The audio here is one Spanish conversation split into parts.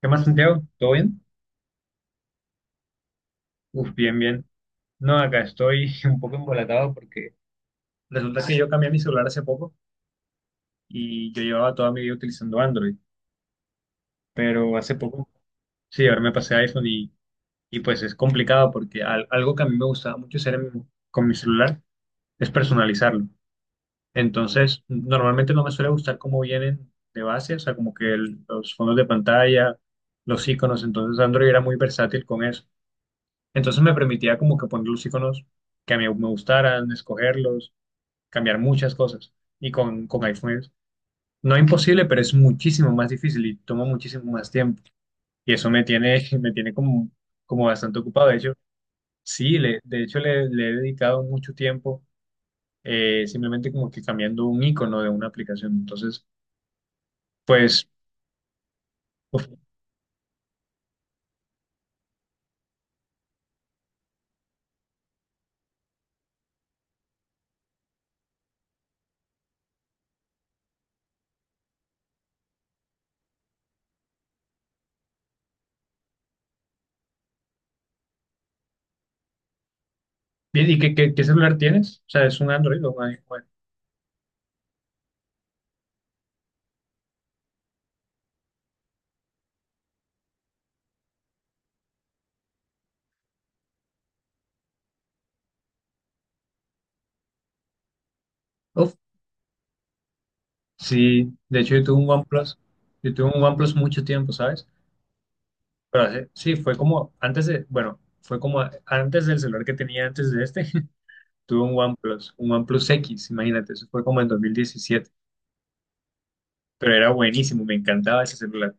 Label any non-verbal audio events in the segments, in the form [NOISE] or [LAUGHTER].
¿Qué más, Santiago? ¿Todo bien? Uf, bien, bien. No, acá estoy [LAUGHS] un poco embolatado porque resulta que yo cambié mi celular hace poco y yo llevaba toda mi vida utilizando Android, pero hace poco, sí, ahora me pasé a iPhone y pues es complicado porque algo que a mí me gustaba mucho hacer con mi celular es personalizarlo. Entonces, normalmente no me suele gustar cómo vienen de base, o sea, como que los fondos de pantalla, los iconos. Entonces Android era muy versátil con eso. Entonces me permitía como que poner los iconos que a mí me gustaran, escogerlos, cambiar muchas cosas. Y con iPhone no es imposible, pero es muchísimo más difícil y toma muchísimo más tiempo. Y eso me tiene, [LAUGHS] me tiene como, como bastante ocupado. De hecho, sí, le, de hecho le, le he dedicado mucho tiempo, simplemente como que cambiando un icono de una aplicación. Entonces, pues, uf, bien, ¿y qué celular tienes? O sea, ¿es un Android o un iPhone? Uf, sí, de hecho yo tuve un OnePlus. Yo tuve un OnePlus mucho tiempo, ¿sabes? Pero sí, fue como antes de, bueno, fue como antes del celular que tenía antes de este. [LAUGHS] Tuve un OnePlus X, imagínate, eso fue como en 2017, pero era buenísimo, me encantaba ese celular.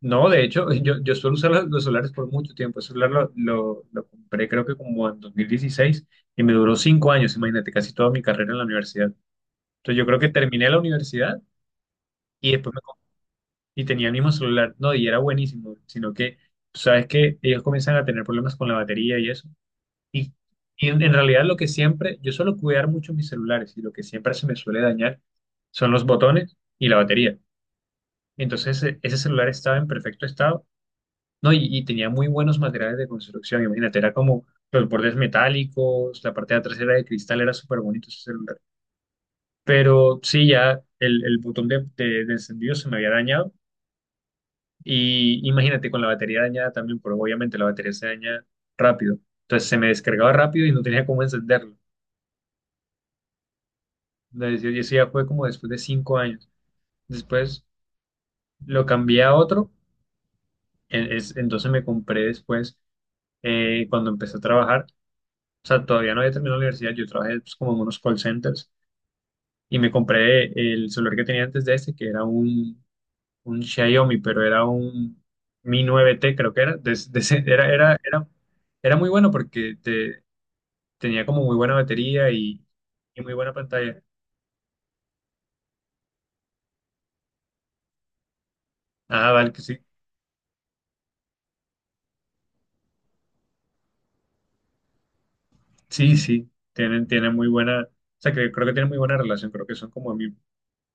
No, de hecho, [LAUGHS] yo suelo usar los celulares por mucho tiempo. Ese celular lo compré creo que como en 2016 y me duró 5 años, imagínate, casi toda mi carrera en la universidad. Entonces yo creo que terminé la universidad y después y tenía el mismo celular, no, y era buenísimo, sino que tú sabes que ellos comienzan a tener problemas con la batería y eso. Y, y en realidad lo que siempre, yo suelo cuidar mucho mis celulares, y lo que siempre se me suele dañar son los botones y la batería. Entonces ese celular estaba en perfecto estado, ¿no? Y tenía muy buenos materiales de construcción, imagínate, era como los bordes metálicos, la parte de atrás era de cristal, era súper bonito ese celular. Pero sí, ya el botón de, de encendido se me había dañado, y imagínate con la batería dañada también, porque obviamente la batería se daña rápido. Entonces se me descargaba rápido y no tenía cómo encenderlo. La decisión, y eso ya fue como después de 5 años. Después lo cambié a otro. Entonces me compré después, cuando empecé a trabajar, o sea, todavía no había terminado la universidad, yo trabajé pues, como en unos call centers, y me compré el celular que tenía antes de este, que era un Xiaomi, pero era un Mi 9T, creo que era. Era, era muy bueno porque tenía como muy buena batería y muy buena pantalla. Ah, vale, que sí. Sí, sí, tienen, tienen muy buena, o sea, que creo que tienen muy buena relación, creo que son como muy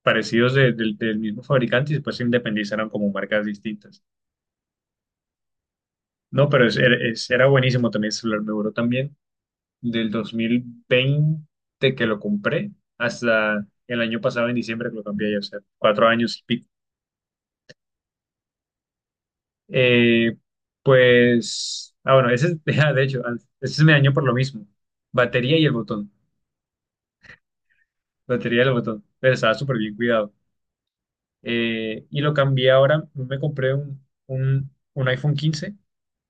parecidos del del mismo fabricante, y después se independizaron como marcas distintas. No, pero era buenísimo también el celular, me duró también del 2020 que lo compré hasta el año pasado en diciembre que lo cambié ya, o sea, 4 años y pico. Eh, pues, ah, bueno, ese, [LAUGHS] ah, de hecho, ese es mi año por lo mismo, batería y el botón, batería y el botón, pero estaba súper bien cuidado. Y lo cambié ahora, me compré un, un iPhone 15,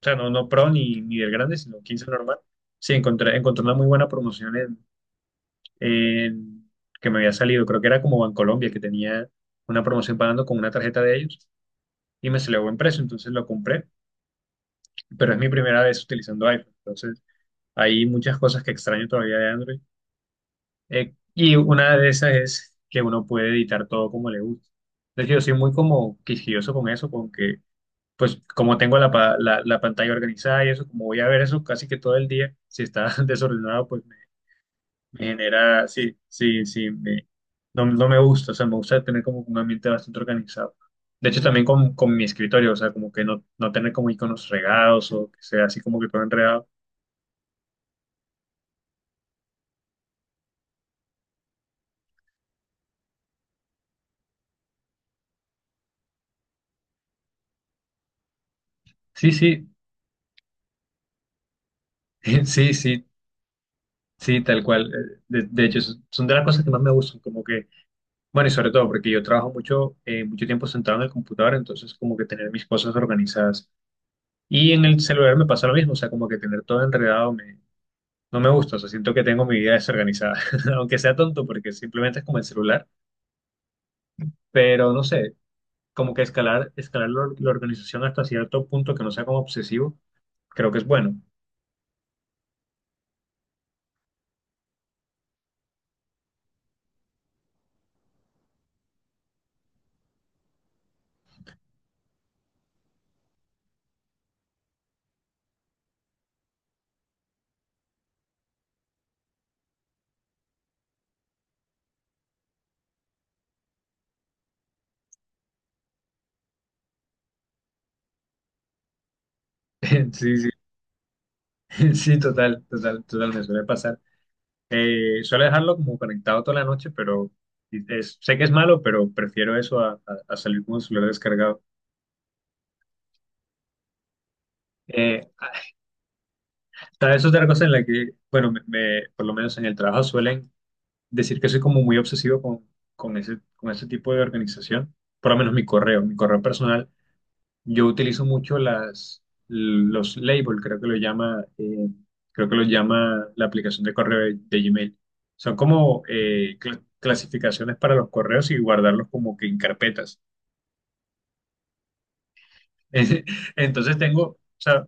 o sea, no, no Pro ni, ni del grande, sino 15 normal. Sí, encontré, encontré una muy buena promoción en- que me había salido, creo que era como Bancolombia, que tenía una promoción pagando con una tarjeta de ellos, y me salió buen precio, entonces lo compré, pero es mi primera vez utilizando iPhone, entonces hay muchas cosas que extraño todavía de Android. Y una de esas es que uno puede editar todo como le gusta. Es decir, yo soy muy como quisquilloso con eso, con que pues como tengo la, la pantalla organizada y eso, como voy a ver eso casi que todo el día, si está [LAUGHS] desordenado, pues me genera, sí, sí, sí, no, no me gusta, o sea, me gusta tener como un ambiente bastante organizado. De hecho, también con mi escritorio, o sea, como que no, no tener como iconos regados o que sea así como que todo enredado. Sí, sí, [LAUGHS] sí, sí, sí, tal cual. De hecho, son son de las cosas que más me gustan, como que, bueno, y sobre todo porque yo trabajo mucho, mucho tiempo sentado en el computador, entonces como que tener mis cosas organizadas. Y en el celular me pasa lo mismo, o sea, como que tener todo enredado no me gusta, o sea, siento que tengo mi vida desorganizada, [LAUGHS] aunque sea tonto porque simplemente es como el celular, pero no sé, como que escalar la organización hasta cierto punto que no sea como obsesivo, creo que es bueno. [LAUGHS] Sí, sí, [LAUGHS] sí, total, total, total, me suele pasar. Suele dejarlo como conectado toda la noche, pero sé que es malo, pero prefiero eso a, a salir con el celular descargado. Eh, hasta eso es otra cosa en la que, bueno, por lo menos en el trabajo suelen decir que soy como muy obsesivo con ese, con ese tipo de organización. Por lo menos mi correo personal, yo utilizo mucho los labels, creo que lo llama, creo que lo llama la aplicación de correo de Gmail. Son como clasificaciones para los correos y guardarlos como que en carpetas. [LAUGHS] Entonces tengo, o sea,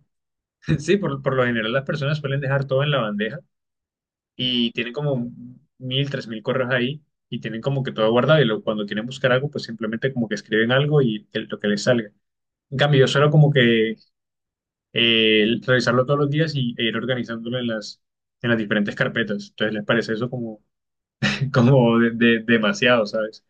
[LAUGHS] sí, por lo general las personas suelen dejar todo en la bandeja y tienen como 1000, 3000 correos ahí, y tienen como que todo guardado, y cuando quieren buscar algo, pues simplemente como que escriben algo y lo que les salga. En cambio, yo suelo como que revisarlo todos los días, y, e ir organizándolo en las diferentes carpetas. Entonces, ¿les parece eso como, [LAUGHS] demasiado? ¿Sabes?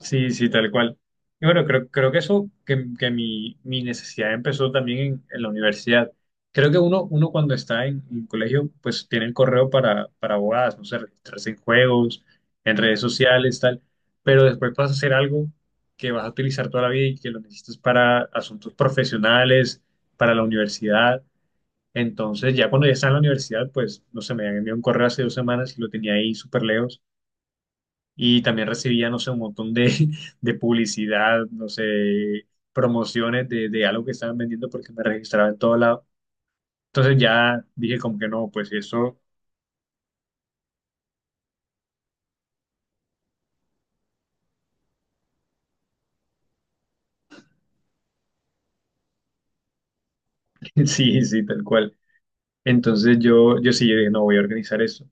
Sí, sí, tal cual. Y bueno, creo, creo que eso, que mi, mi necesidad empezó también en la universidad. Creo que uno cuando está en colegio, pues tiene el correo para abogadas, no sé, registrarse en juegos, en redes sociales, tal. Pero después vas a hacer algo que vas a utilizar toda la vida y que lo necesitas para asuntos profesionales, para la universidad. Entonces, ya cuando ya está en la universidad, pues, no sé, me habían enviado un correo hace 2 semanas y lo tenía ahí súper lejos, y también recibía, no sé, un montón de, [LAUGHS] de publicidad, no sé, promociones de algo que estaban vendiendo porque me registraba en todo lado. Entonces ya dije como que no, pues eso, [LAUGHS] sí, sí, tal cual. Entonces yo sí, yo dije, no, voy a organizar eso.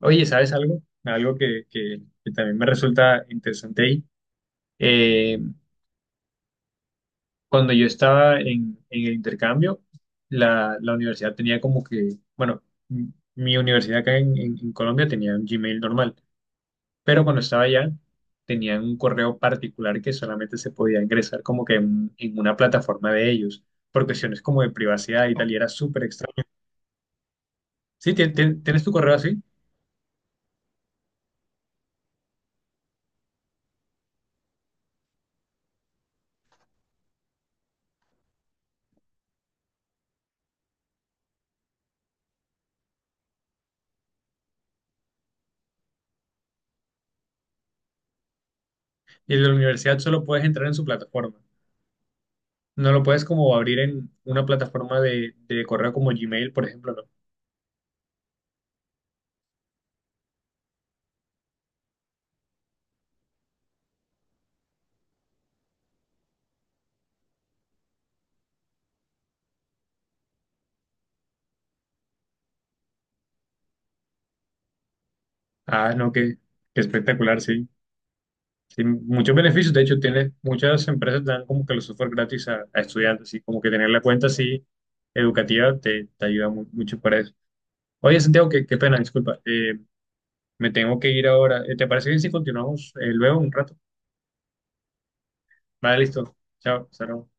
Oye, ¿sabes algo? Algo que también me resulta interesante ahí. Eh, cuando yo estaba en el intercambio, la universidad tenía como que, bueno, m- mi universidad acá en, en Colombia tenía un Gmail normal, pero cuando estaba allá tenían un correo particular que solamente se podía ingresar como que en una plataforma de ellos, por cuestiones como de privacidad y tal, y era súper extraño. Sí, tienes tu correo así, y el de la universidad solo puedes entrar en su plataforma. No lo puedes como abrir en una plataforma de correo como Gmail, por ejemplo, ¿no? Ah, no, qué, qué espectacular, sí. Sí, muchos beneficios, de hecho, tiene, muchas empresas dan como que los software gratis a estudiantes, así como que tener la cuenta así educativa te ayuda mucho para eso. Oye, Santiago, qué, qué pena, disculpa. Me tengo que ir ahora. ¿Te parece bien si continuamos luego un rato? Vale, listo. Chao, hasta luego.